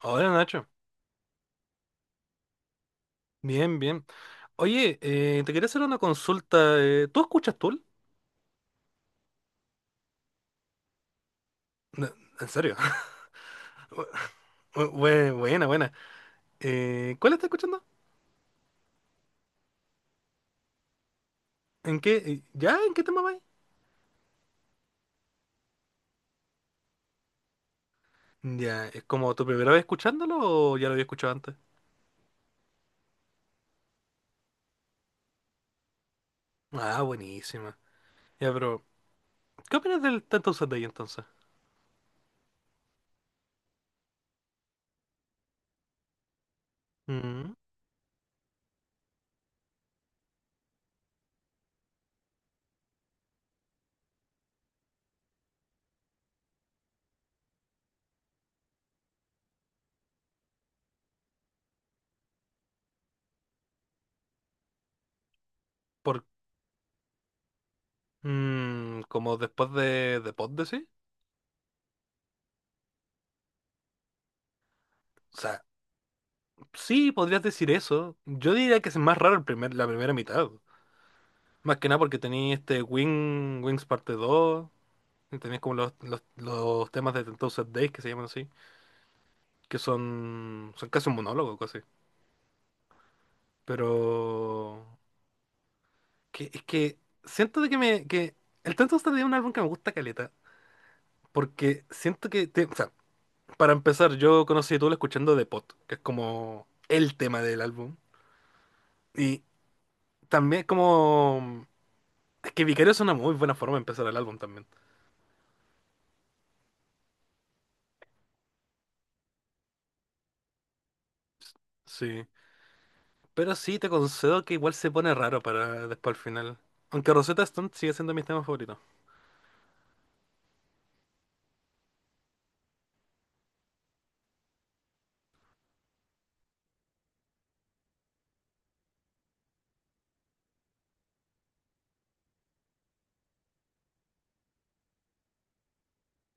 Hola Nacho, bien, bien. Oye, te quería hacer una consulta. ¿Tú escuchas Tool? No. ¿En serio? Buena, buena. ¿Cuál estás escuchando? ¿En qué? ¿Ya? ¿En qué tema vais? Ya, ¿es como tu primera vez escuchándolo o ya lo había escuchado antes? Ah, buenísima. Ya, pero ¿qué opinas del Tanto Sunday entonces? Mm. ¿Por, mm, como después de Pod, decís? O sea, sí, podrías decir eso. Yo diría que es más raro la primera mitad. Más que nada porque tenéis este Wings parte 2 y tenéis como los temas de Tentoused Days que se llaman así, que son, son casi un monólogo, casi. Pero que, es que siento de que me que el Tentoused Days es un álbum que me gusta caleta, porque siento que o sea, para empezar, yo conocí a Tool escuchando The Pot, que es como el tema del álbum. Y también como es que Vicario es una muy buena forma de empezar el álbum también. Sí. Pero sí, te concedo que igual se pone raro para después al final. Aunque Rosetta Stone sigue siendo mi tema favorito.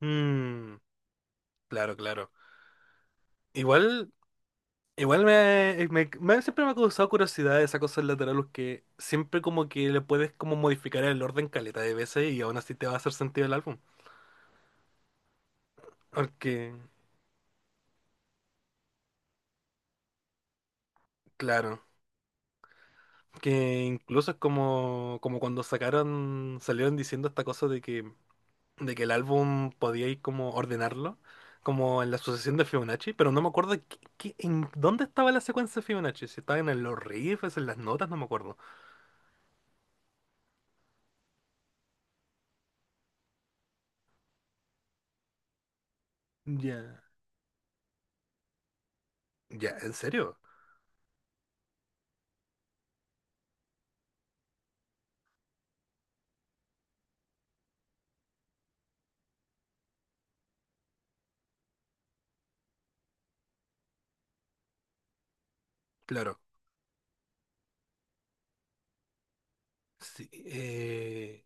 Mmm, claro, claro. Igual, igual siempre me ha causado curiosidad esa cosa del lateral, que siempre como que le puedes como modificar el orden caleta de veces y aún así te va a hacer sentido el álbum. Porque, claro, que incluso es como, como cuando salieron diciendo esta cosa de que el álbum podía ir como ordenarlo, como en la sucesión de Fibonacci, pero no me acuerdo en dónde estaba la secuencia de Fibonacci, si estaba en los riffs, en las notas, no me acuerdo. Ya, ya, ¿en serio? Claro. Sí,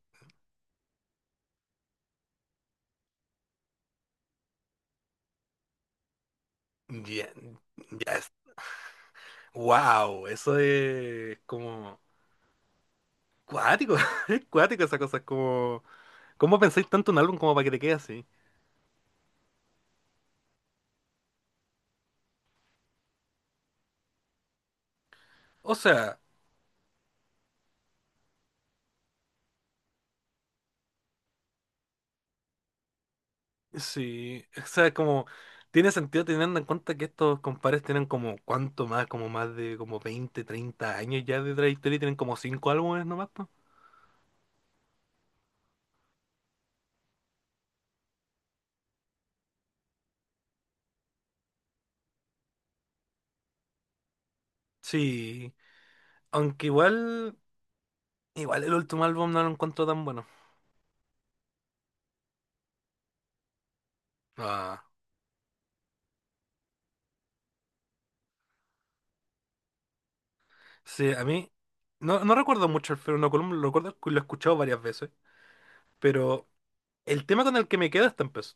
ya, ya es. Wow, eso es como cuático, es cuático esa cosa, es como ¿cómo pensáis tanto en un álbum como para que te quede así? O sea, sí, o sea, como tiene sentido teniendo en cuenta que estos compadres tienen como cuánto más, como más de como 20, 30 años ya de trayectoria y tienen como 5 álbumes nomás, po. Sí, aunque igual, igual el último álbum no lo encuentro tan bueno. Ah, sí, a mí no, no recuerdo mucho el Fernando Column, lo recuerdo que lo he escuchado varias veces, pero el tema con el que me quedo está empezó.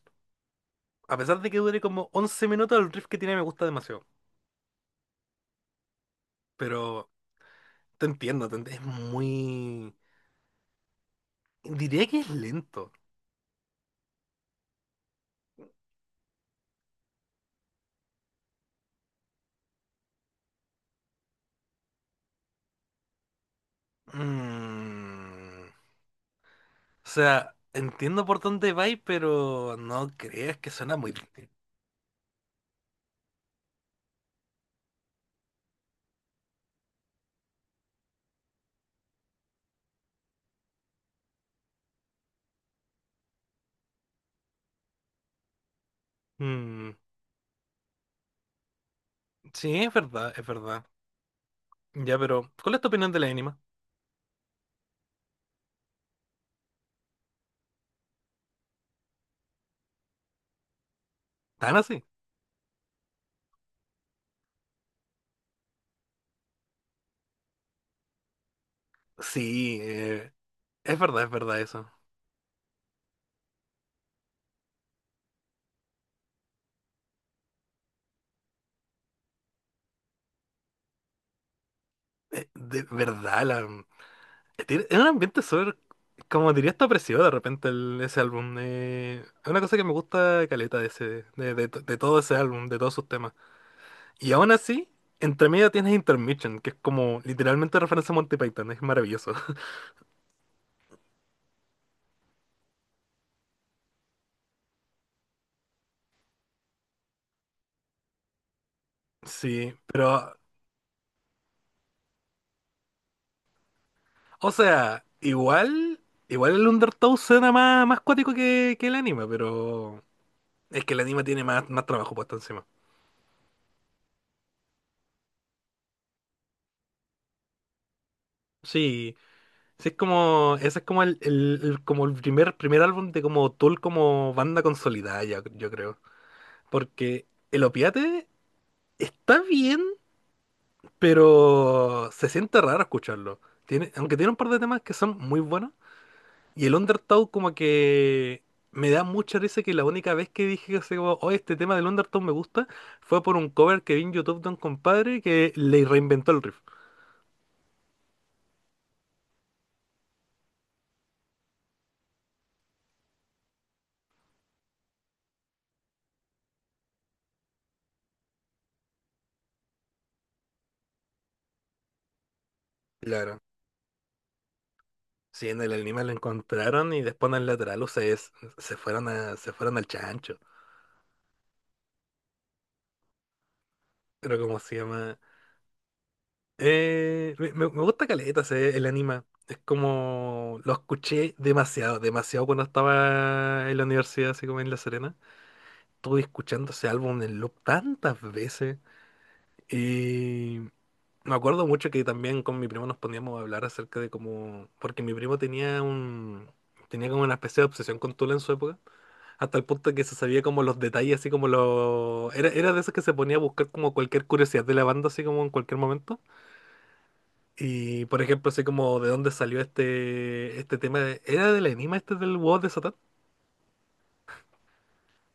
A pesar de que dure como 11 minutos, el riff que tiene me gusta demasiado, pero te entiendo, es muy... Diría que es lento. Mm, o sea, entiendo por dónde vais, pero no creas que suena muy... bien. Mm, sí, es verdad, es verdad. Ya, pero ¿cuál es tu opinión de la anima? ¿Tan así? Sí, es verdad eso. De verdad, la... mm, es un ambiente súper, como diría, está opresivo de repente ese álbum. Es una cosa que me gusta caleta de ese, de todo ese álbum, de todos sus temas. Y aún así, entre medio tienes Intermission, que es como literalmente referencia a Monty Python, es maravilloso. Sí, pero, o sea, igual, igual el Undertow suena más cuático que el anime, pero es que el anime tiene más trabajo puesto encima. Sí, sí es como, ese es como como el primer álbum de como Tool como banda consolidada, yo creo. Porque el Opiate está bien, pero se siente raro escucharlo. Tiene, aunque tiene un par de temas que son muy buenos. Y el Undertow como que me da mucha risa que la única vez que dije así como, oh, este tema del Undertow me gusta, fue por un cover que vi en YouTube de un compadre que le reinventó el riff. Claro. Sí, en el anime lo encontraron y después en el lateral, o sea, se fueron a, se fueron al chancho. Pero ¿cómo se llama? Me gusta caleta el anime. Es como lo escuché demasiado, demasiado cuando estaba en la universidad, así como en La Serena. Estuve escuchando ese álbum en loop tantas veces. Y me acuerdo mucho que también con mi primo nos poníamos a hablar acerca de cómo. Porque mi primo tenía un. Tenía como una especie de obsesión con Tula en su época. Hasta el punto que se sabía como los detalles, así como los. Era, era de esos que se ponía a buscar como cualquier curiosidad de la banda, así como en cualquier momento. Y por ejemplo, sé como de dónde salió este tema. ¿Era del enigma este del huevo de Satán?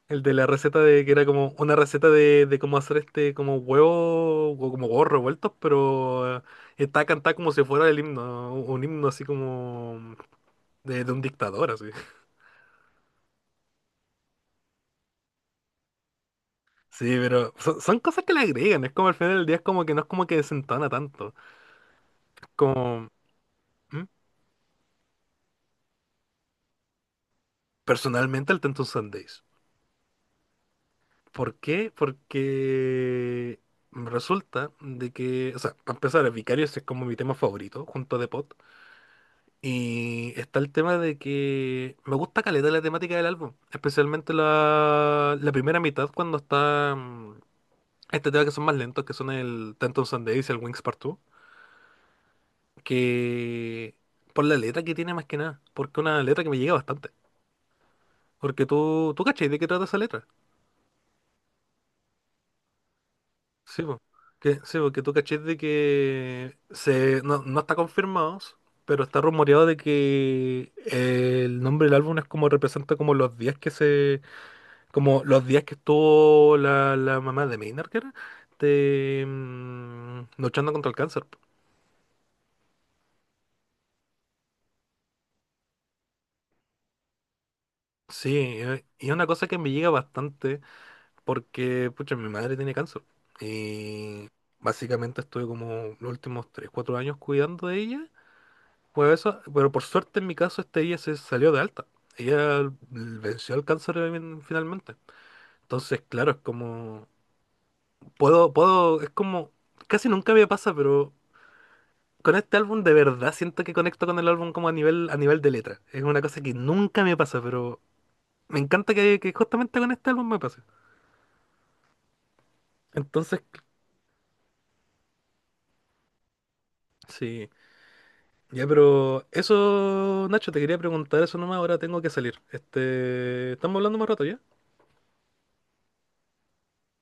El de la receta de que era como una receta de cómo hacer este como huevo o como huevos revueltos, pero está cantada como si fuera el himno, un himno así como de un dictador, así. Sí, pero son, son cosas que le agregan, es como al final del día es como que no es como que desentona tanto. Como, ¿mm? Personalmente el Tentu Sundays. ¿Por qué? Porque resulta de que, o sea, para empezar, el Vicarious es como mi tema favorito, junto a The Pot. Y está el tema de que me gusta caleta la temática del álbum, especialmente la primera mitad cuando está mm, este tema que son más lentos, que son el Ten Thousand Days y el Wings Part 2, que por la letra que tiene más que nada, porque es una letra que me llega bastante. Porque tú cachai de qué trata esa letra. Sí, po. Que, sí, porque tú cachés no, no está confirmado, pero está rumoreado de que el nombre del álbum es como representa como los días que se, como los días que estuvo la mamá de Maynard, que era, de, mm, luchando contra el cáncer, po. Sí, y es una cosa que me llega bastante porque, pucha, mi madre tiene cáncer. Y básicamente estuve como los últimos 3, 4 años cuidando de ella. Pues eso, pero por suerte en mi caso este día se salió de alta. Ella venció el cáncer finalmente. Entonces, claro, es como puedo, puedo, es como casi nunca me pasa, pero con este álbum de verdad siento que conecto con el álbum como a nivel de letra. Es una cosa que nunca me pasa, pero me encanta que justamente con este álbum me pase. Entonces, sí. Ya, pero eso, Nacho, te quería preguntar eso nomás, ahora tengo que salir. Este, estamos hablando más rato, ¿ya?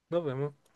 Nos vemos.